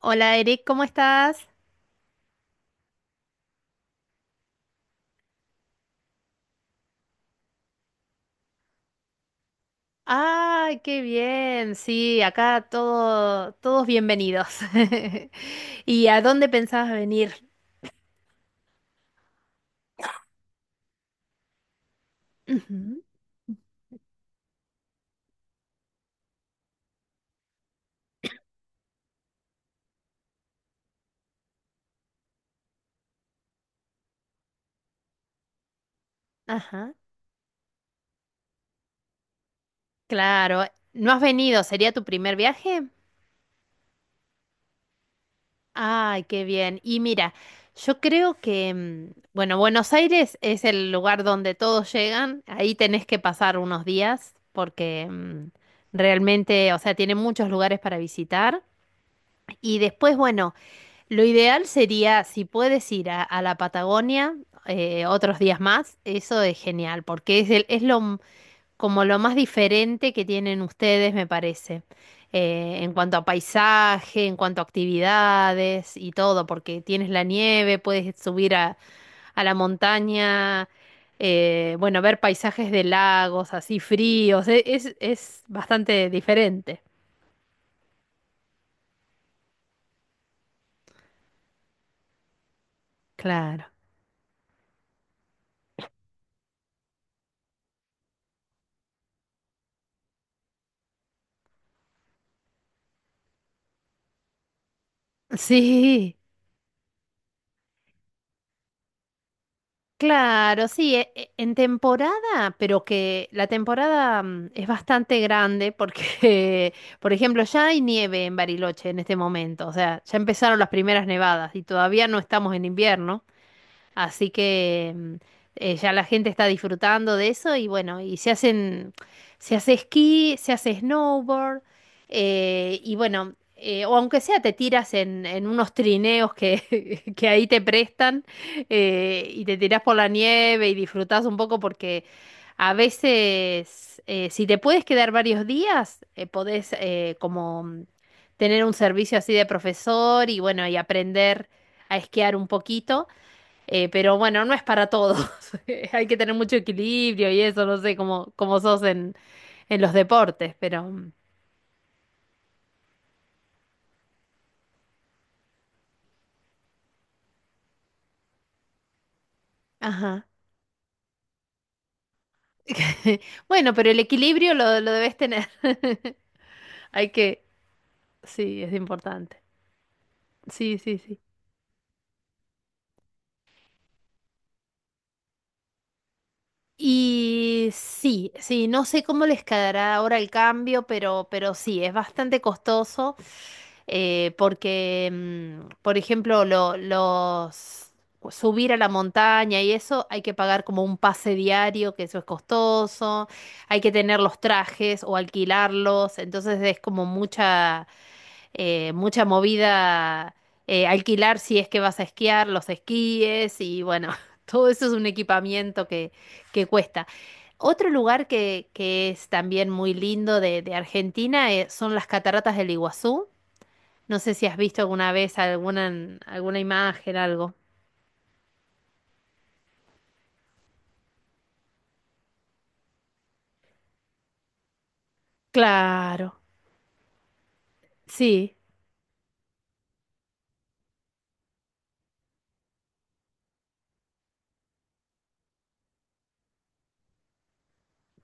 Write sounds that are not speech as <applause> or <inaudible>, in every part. Hola Eric, ¿cómo estás? Ay, qué bien. Sí, acá todo, todos bienvenidos. <laughs> ¿Y a dónde pensabas venir? Ujú. Ajá, claro. ¿No has venido? ¿Sería tu primer viaje? Ay, qué bien. Y mira, yo creo que, mm, bueno, Buenos Aires es el lugar donde todos llegan. Ahí tenés que pasar unos días porque realmente, o sea, tiene muchos lugares para visitar. Y después, bueno, lo ideal sería, si puedes ir a la Patagonia otros días más, eso es genial, porque es, como lo más diferente que tienen ustedes, me parece, en cuanto a paisaje, en cuanto a actividades y todo, porque tienes la nieve, puedes subir a la montaña, bueno, ver paisajes de lagos así fríos, es bastante diferente. Claro. Sí. Claro, sí, en temporada, pero que la temporada es bastante grande porque, <laughs> por ejemplo, ya hay nieve en Bariloche en este momento, o sea, ya empezaron las primeras nevadas y todavía no estamos en invierno. Así que ya la gente está disfrutando de eso y bueno, y se hace esquí, se hace snowboard, y bueno, o aunque sea te tiras en unos trineos que, <laughs> que ahí te prestan, y te tiras por la nieve y disfrutás un poco porque a veces si te puedes quedar varios días, podés como tener un servicio así de profesor y bueno, y aprender a esquiar un poquito. Pero bueno, no es para todos. <laughs> Hay que tener mucho equilibrio y eso, no sé, cómo sos en los deportes, pero... mm, ajá. <laughs> Bueno, pero el equilibrio lo debes tener. <laughs> Hay que... Sí, es importante. Sí, sí, sí. Y sí, sí, no sé cómo les quedará ahora el cambio, pero sí, es bastante costoso, porque, por ejemplo, los subir a la montaña y eso hay que pagar como un pase diario, que eso es costoso, hay que tener los trajes o alquilarlos, entonces es como mucha, mucha movida, alquilar si es que vas a esquiar, los esquíes y bueno, <laughs> todo eso es un equipamiento que cuesta. Otro lugar que es también muy lindo de Argentina son las cataratas del Iguazú. No sé si has visto alguna vez alguna, alguna imagen, algo. Claro, sí,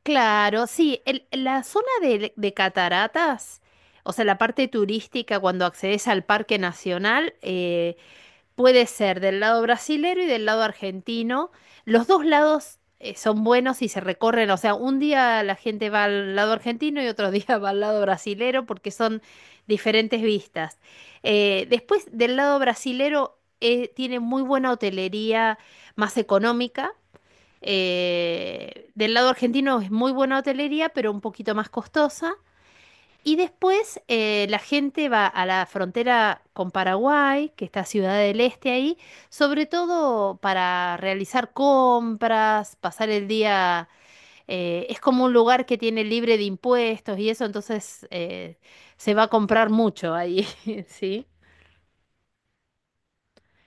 claro, sí. La zona de cataratas, o sea, la parte turística cuando accedes al Parque Nacional, puede ser del lado brasilero y del lado argentino. Los dos lados son buenos y se recorren. O sea, un día la gente va al lado argentino y otro día <laughs> va al lado brasilero porque son diferentes vistas. Después, del lado brasilero tiene muy buena hotelería más económica. Del lado argentino es muy buena hotelería, pero un poquito más costosa. Y después la gente va a la frontera con Paraguay, que está Ciudad del Este ahí, sobre todo para realizar compras, pasar el día, es como un lugar que tiene libre de impuestos y eso, entonces se va a comprar mucho ahí, <laughs> ¿sí?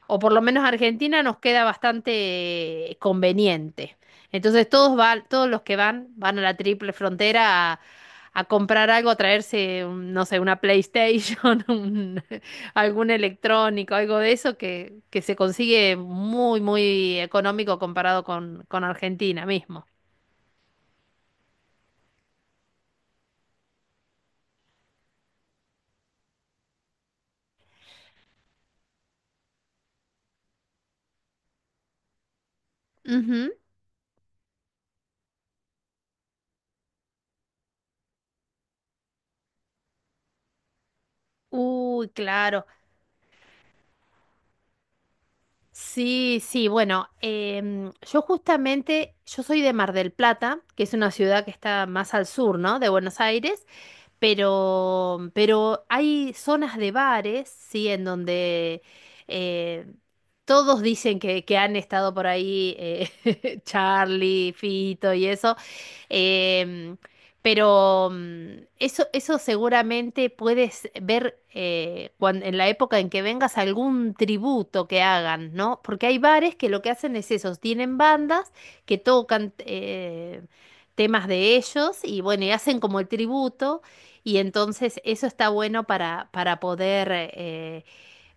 O por lo menos Argentina nos queda bastante conveniente. Entonces todos van, todos los que van van a la triple frontera a comprar algo, a traerse, no sé, una PlayStation, <laughs> algún electrónico, algo de eso que se consigue muy, muy económico comparado con Argentina mismo. Ujú. Uy, claro. Sí, sí, bueno, yo justamente, yo soy de Mar del Plata, que es una ciudad que está más al sur, ¿no? De Buenos Aires, pero hay zonas de bares, sí, en donde eh, todos dicen que han estado por ahí <laughs> Charlie, Fito y eso. Em, pero eso, eso seguramente puedes ver en la época en que vengas algún tributo que hagan, ¿no? Porque hay bares que lo que hacen es eso, tienen bandas que tocan temas de ellos y bueno, y hacen como el tributo y entonces eso está bueno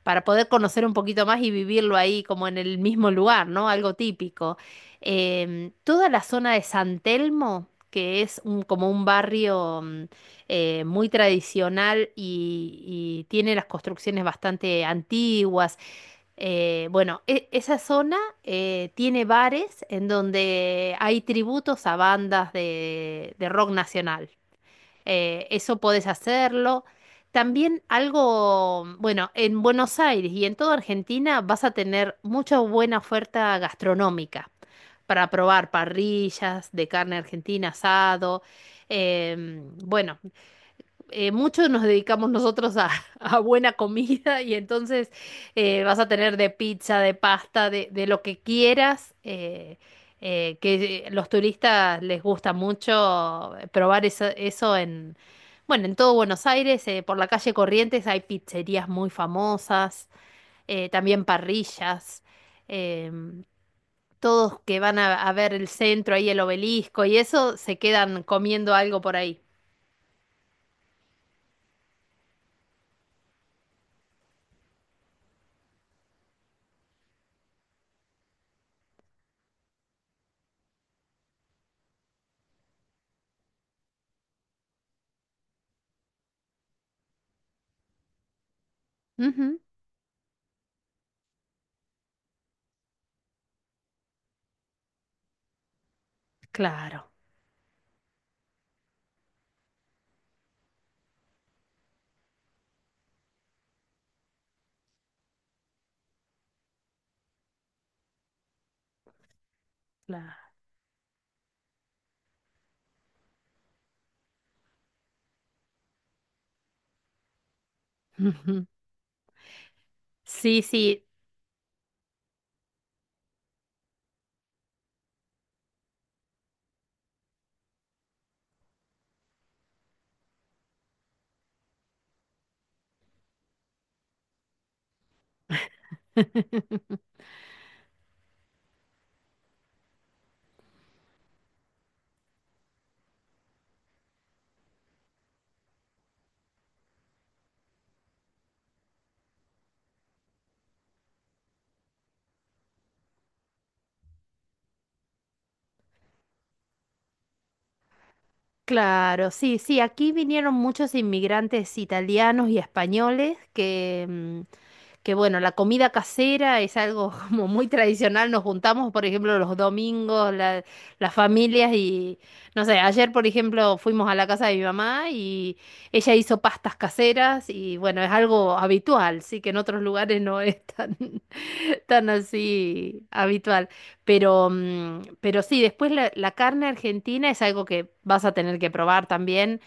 para poder conocer un poquito más y vivirlo ahí como en el mismo lugar, ¿no? Algo típico. Toda la zona de San Telmo, que es como un barrio muy tradicional y tiene las construcciones bastante antiguas. Bueno, esa zona tiene bares en donde hay tributos a bandas de rock nacional. Eso podés hacerlo. También algo, bueno, en Buenos Aires y en toda Argentina vas a tener mucha buena oferta gastronómica para probar parrillas de carne argentina, asado. Bueno, muchos nos dedicamos nosotros a, <laughs> a buena comida y entonces vas a tener de pizza, de pasta, de lo que quieras, que los turistas les gusta mucho probar eso, eso en, bueno, en todo Buenos Aires, por la calle Corrientes hay pizzerías muy famosas, también parrillas. em, Todos que van a ver el centro, ahí el obelisco y eso, se quedan comiendo algo por ahí. Ujú, claro. Claro. Ujú. Sí, sí, claro, sí, sí, aquí vinieron muchos inmigrantes italianos y españoles que, que bueno, la comida casera es algo <laughs> como muy tradicional. Nos juntamos, por ejemplo, los domingos, las familias y, no sé, ayer, por ejemplo, fuimos a la casa de mi mamá y ella hizo pastas caseras y bueno, es algo habitual, sí, que en otros lugares no es tan, <laughs> tan así habitual. Pero, pero sí, después la, la carne argentina es algo que vas a tener que probar también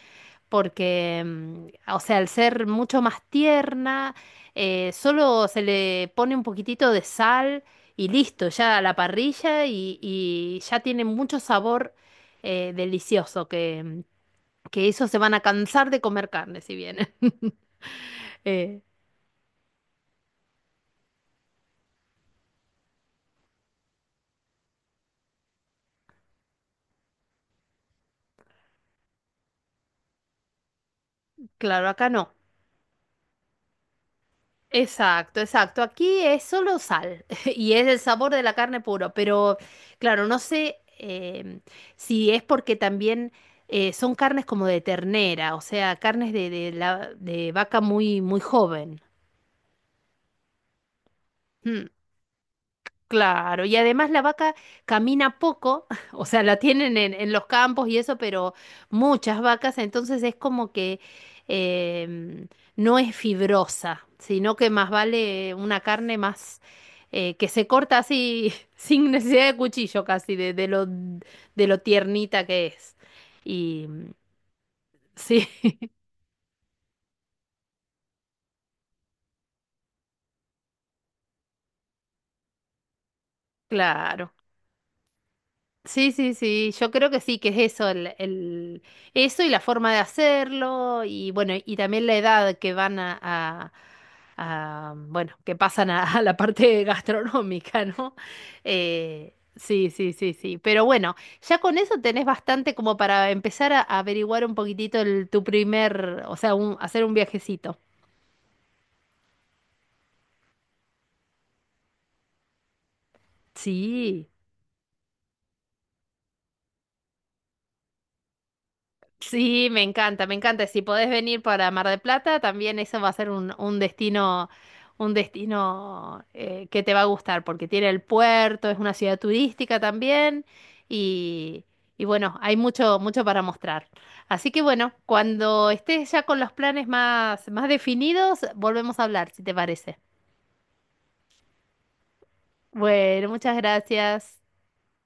porque, o sea, al ser mucho más tierna, solo se le pone un poquitito de sal y listo, ya a la parrilla y ya tiene mucho sabor, delicioso, que, que esos se van a cansar de comer carne si vienen. <laughs> Eh, claro, acá no. Exacto, exacto. Aquí es solo sal <laughs> y es el sabor de la carne puro, pero claro, no sé, si es porque también son carnes como de ternera, o sea, carnes de la, de vaca muy, muy joven. Mm. Claro, y además la vaca camina poco, <laughs> o sea, la tienen en los campos y eso, pero muchas vacas, entonces es como que em, no es fibrosa, sino que más vale una carne más, que se corta así <laughs> sin necesidad de cuchillo casi, de lo tiernita que es. Y sí, <laughs> claro. Sí, sí, sí, yo creo que sí, que es eso, eso y la forma de hacerlo, y bueno, y también la edad que van a, bueno, que pasan a, <laughs> a la parte <laughs> gastronómica, ¿no? Sí, sí, sí, sí, pero bueno, ya con eso tenés bastante como para empezar a, averiguar un poquitito el, tu primer, o sea, hacer un viajecito. Sí. Sí, me encanta, me encanta. Si podés venir para Mar del Plata, también eso va a ser un destino que te va a gustar, porque tiene el puerto, es una ciudad turística también, y, y bueno, hay mucho, mucho para mostrar. Así que bueno, cuando estés ya con los planes más, más definidos, volvemos a hablar, si te parece. Bueno, muchas gracias.